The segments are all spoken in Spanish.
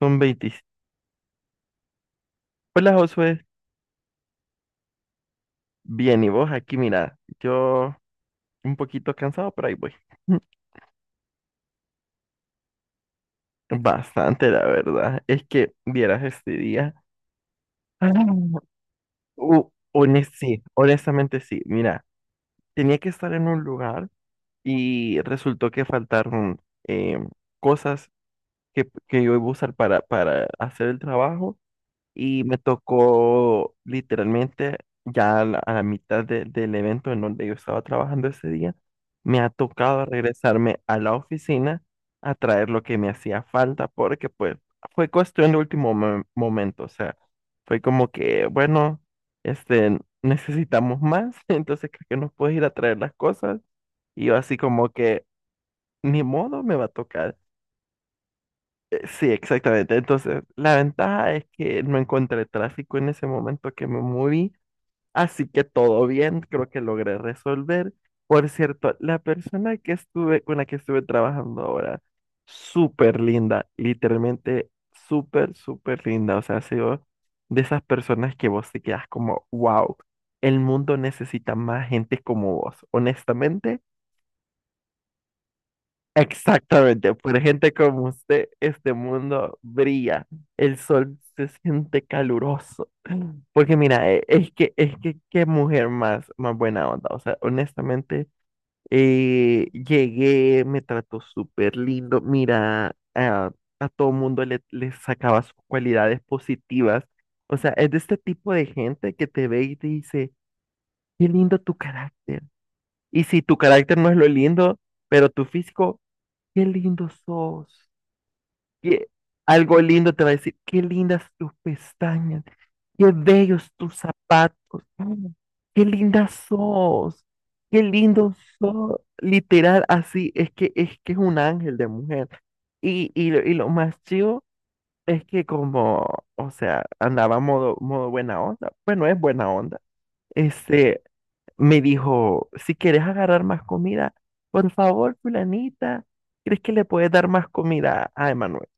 Son 20. Hola, Josué, bien, ¿y vos aquí? Mira, yo un poquito cansado, pero ahí voy. Bastante, la verdad. Es que vieras este día. Ah, sí, honestamente sí. Mira, tenía que estar en un lugar y resultó que faltaron eh, cosas que yo iba a usar para hacer el trabajo, y me tocó literalmente ya a la mitad del evento en donde yo estaba trabajando ese día. Me ha tocado regresarme a la oficina a traer lo que me hacía falta porque pues fue cuestión de último momento. O sea, fue como que, bueno, necesitamos más, entonces creo que nos puedes ir a traer las cosas, y yo así como que, ni modo, me va a tocar. Sí, exactamente. Entonces, la ventaja es que no encontré tráfico en ese momento que me moví, así que todo bien, creo que logré resolver. Por cierto, la persona que estuve, con la que estuve trabajando ahora, súper linda, literalmente súper, súper linda. O sea, ha sido de esas personas que vos te quedas como, wow, el mundo necesita más gente como vos. Honestamente, exactamente, por gente como usted, este mundo brilla, el sol se siente caluroso. Porque mira, es que qué mujer más, más buena onda. O sea, honestamente, llegué, me trató súper lindo. Mira, a todo mundo le sacaba sus cualidades positivas. O sea, es de este tipo de gente que te ve y te dice, qué lindo tu carácter. Y si tu carácter no es lo lindo, pero tu físico, qué lindo sos. Qué... Algo lindo te va a decir, qué lindas tus pestañas, qué bellos tus zapatos, mm, qué linda sos, qué lindo sos. Literal, así es que es un ángel de mujer. Y lo más chido es que como, o sea, andaba modo buena onda. Bueno, es buena onda. Este, me dijo, si quieres agarrar más comida, por favor, fulanita, ¿crees que le puedes dar más comida a Emanuel?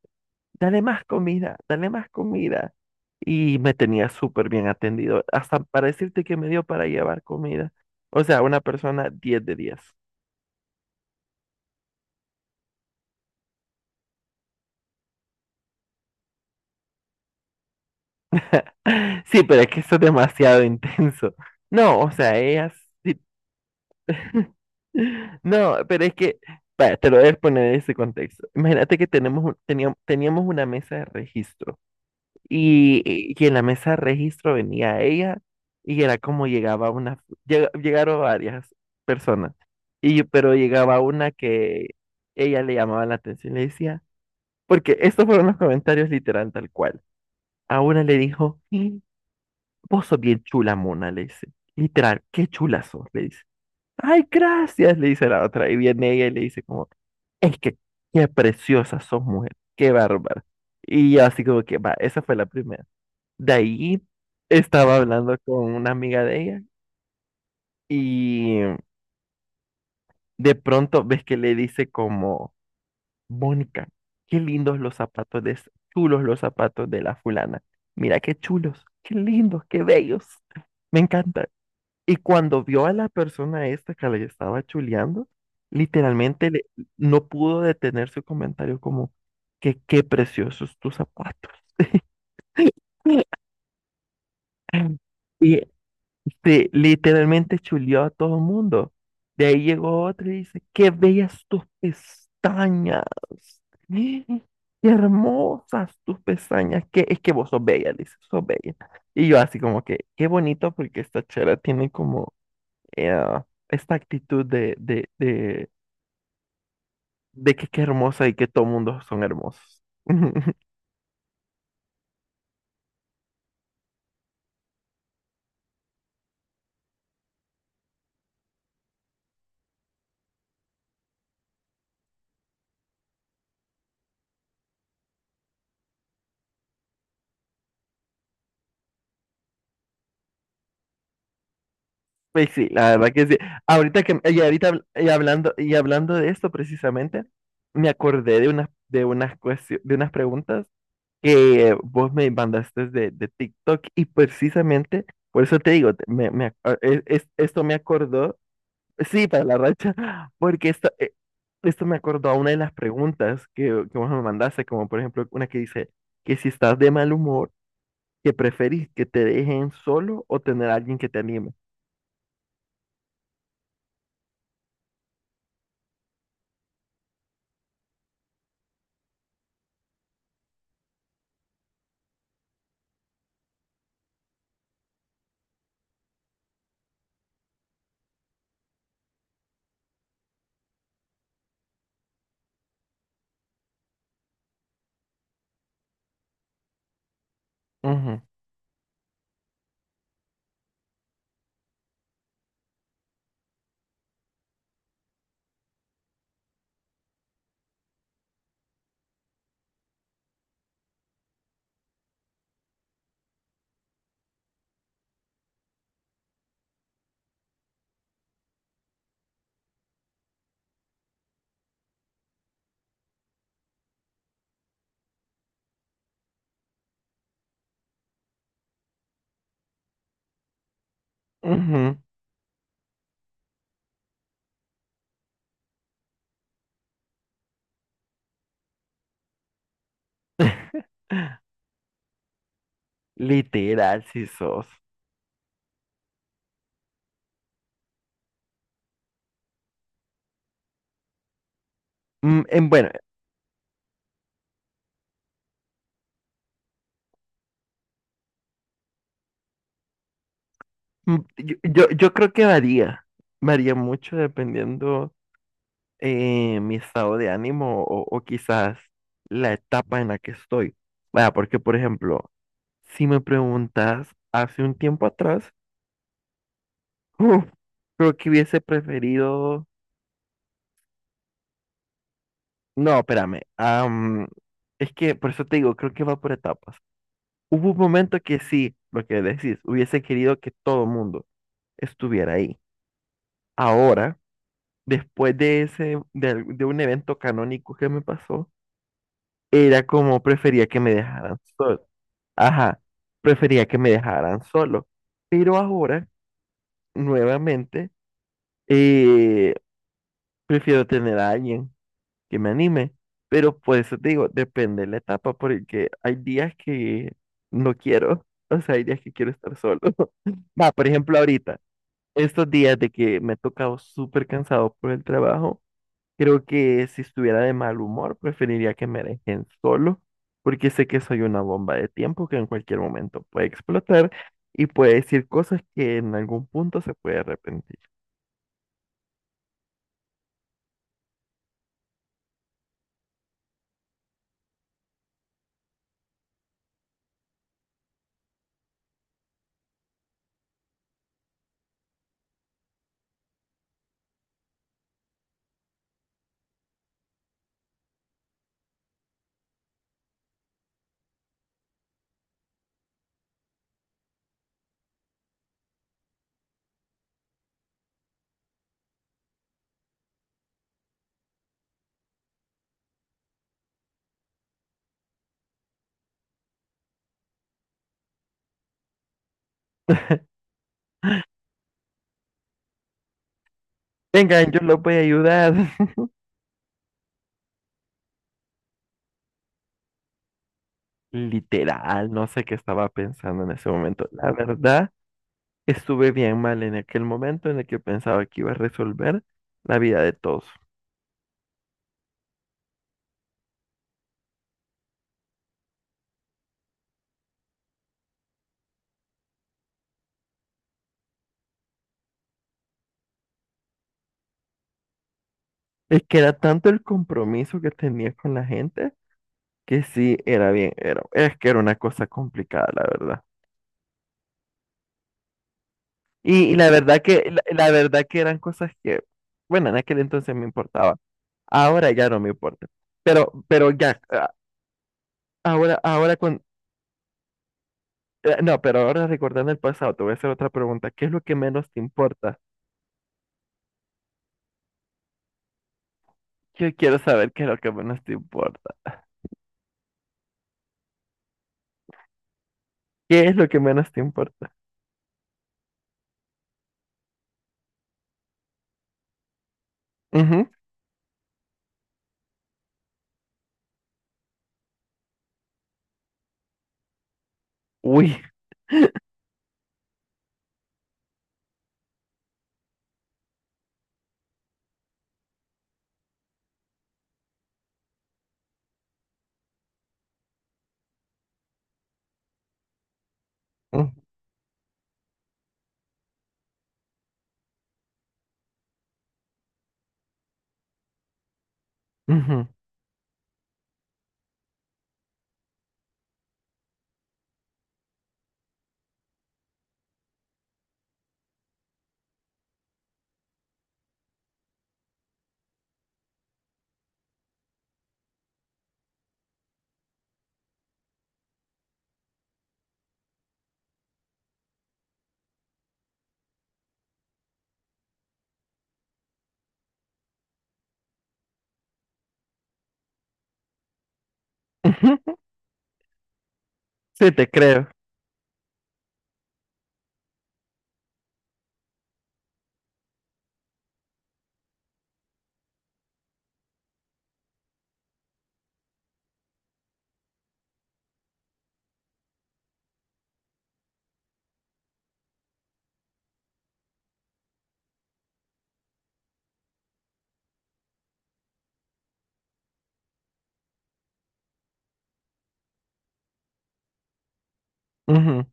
Dale más comida, dale más comida. Y me tenía súper bien atendido, hasta para decirte que me dio para llevar comida. O sea, una persona 10 de 10. Sí, pero es que eso es demasiado intenso. No, o sea, ella... sí... No, pero es que, vaya, te lo voy a poner en ese contexto. Imagínate que tenemos, teníamos, teníamos una mesa de registro. Y, y en la mesa de registro venía ella, y era como llegaba una, llegaron varias personas, pero llegaba una que ella le llamaba la atención, le decía, porque estos fueron los comentarios literal tal cual. A una le dijo, "Y vos sos bien chula, mona", le dice, literal, "qué chula sos", le dice. "Ay, gracias", le dice la otra, y viene ella y le dice como, es que qué preciosa sos, mujer, qué bárbara. Y yo así como que, va, esa fue la primera. De ahí estaba hablando con una amiga de ella, y de pronto ves que le dice como, "Mónica, qué lindos los zapatos de, chulos los zapatos de la fulana. Mira qué chulos, qué lindos, qué bellos. Me encanta". Y cuando vio a la persona esta que le estaba chuleando, literalmente no pudo detener su comentario como que qué preciosos tus zapatos. Y sí, literalmente chuleó a todo el mundo. De ahí llegó otro y dice, qué bellas tus pestañas. ¡Eh! Qué hermosas tus pestañas. Que es que vos sos bella, le dice, sos bella. Y yo así como que, qué bonito porque esta chera tiene como eh, esta actitud de que qué hermosa y que todo mundo son hermosos. Pues sí, la verdad que sí. Ahorita y hablando de esto precisamente, me acordé de unas de unas preguntas que vos me mandaste de TikTok, y precisamente por eso te digo, te- me ac- a- e- es- esto me acordó, sí, para la racha, porque esto, esto me acordó a una de las preguntas que vos me mandaste, como por ejemplo una que dice que si estás de mal humor, que preferís que te dejen solo o tener a alguien que te anime. Ujú, ujú. Literal, si sos. Bueno, yo creo que varía. Varía mucho dependiendo mi estado de ánimo, o quizás la etapa en la que estoy. Vaya, porque, por ejemplo, si me preguntas hace un tiempo atrás, uf, creo que hubiese preferido. No, espérame. Es que por eso te digo, creo que va por etapas. Hubo un momento que sí, lo que decís, hubiese querido que todo el mundo estuviera ahí. Ahora, después de ese, de, al- de un evento canónico que me pasó, era como prefería que me dejaran solo. Ajá, prefería que me dejaran solo. Pero ahora, nuevamente, eh, prefiero tener a alguien que me anime. Pero por eso te digo, depende de la etapa, porque hay días que no quiero, o sea, hay días que quiero estar solo. Va, por ejemplo, ahorita, estos días de que me he tocado súper cansado por el trabajo. Creo que si estuviera de mal humor, preferiría que me dejen solo, porque sé que soy una bomba de tiempo que en cualquier momento puede explotar y puede decir cosas que en algún punto se puede arrepentir. Vengan, yo los voy a ayudar. Literal, no sé qué estaba pensando en ese momento. La verdad, estuve bien mal en aquel momento en el que pensaba que iba a resolver la vida de todos. Es que era tanto el compromiso que tenía con la gente que sí era bien, era, es que era una cosa complicada, la verdad. Y la verdad que, la verdad que eran cosas que, bueno, en aquel entonces me importaba. Ahora ya no me importa. Pero ya, ahora, ahora con, no, pero ahora recordando el pasado, te voy a hacer otra pregunta. ¿Qué es lo que menos te importa? Yo quiero saber qué es lo que menos te importa. ¿Qué es lo que menos te importa? Ujú. Uy. Ujú, ujú, ujú. Sí, te creo. Ujú.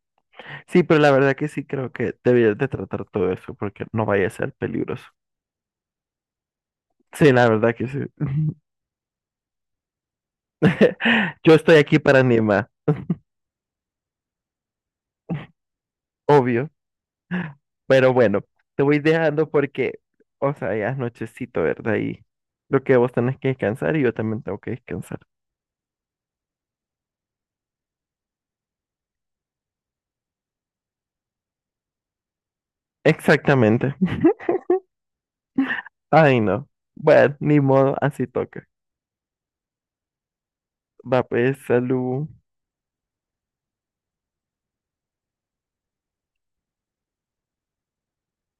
Sí, pero la verdad que sí creo que debías de tratar todo eso porque no vaya a ser peligroso. Sí, la verdad que sí. Yo estoy aquí para Nima, obvio, pero bueno, te voy dejando porque, o sea, ya es nochecito, ¿verdad? Y lo que vos tenés que descansar y yo también tengo que descansar. Exactamente. Ay, no. Bueno, ni modo, así toca. Va pues, salud.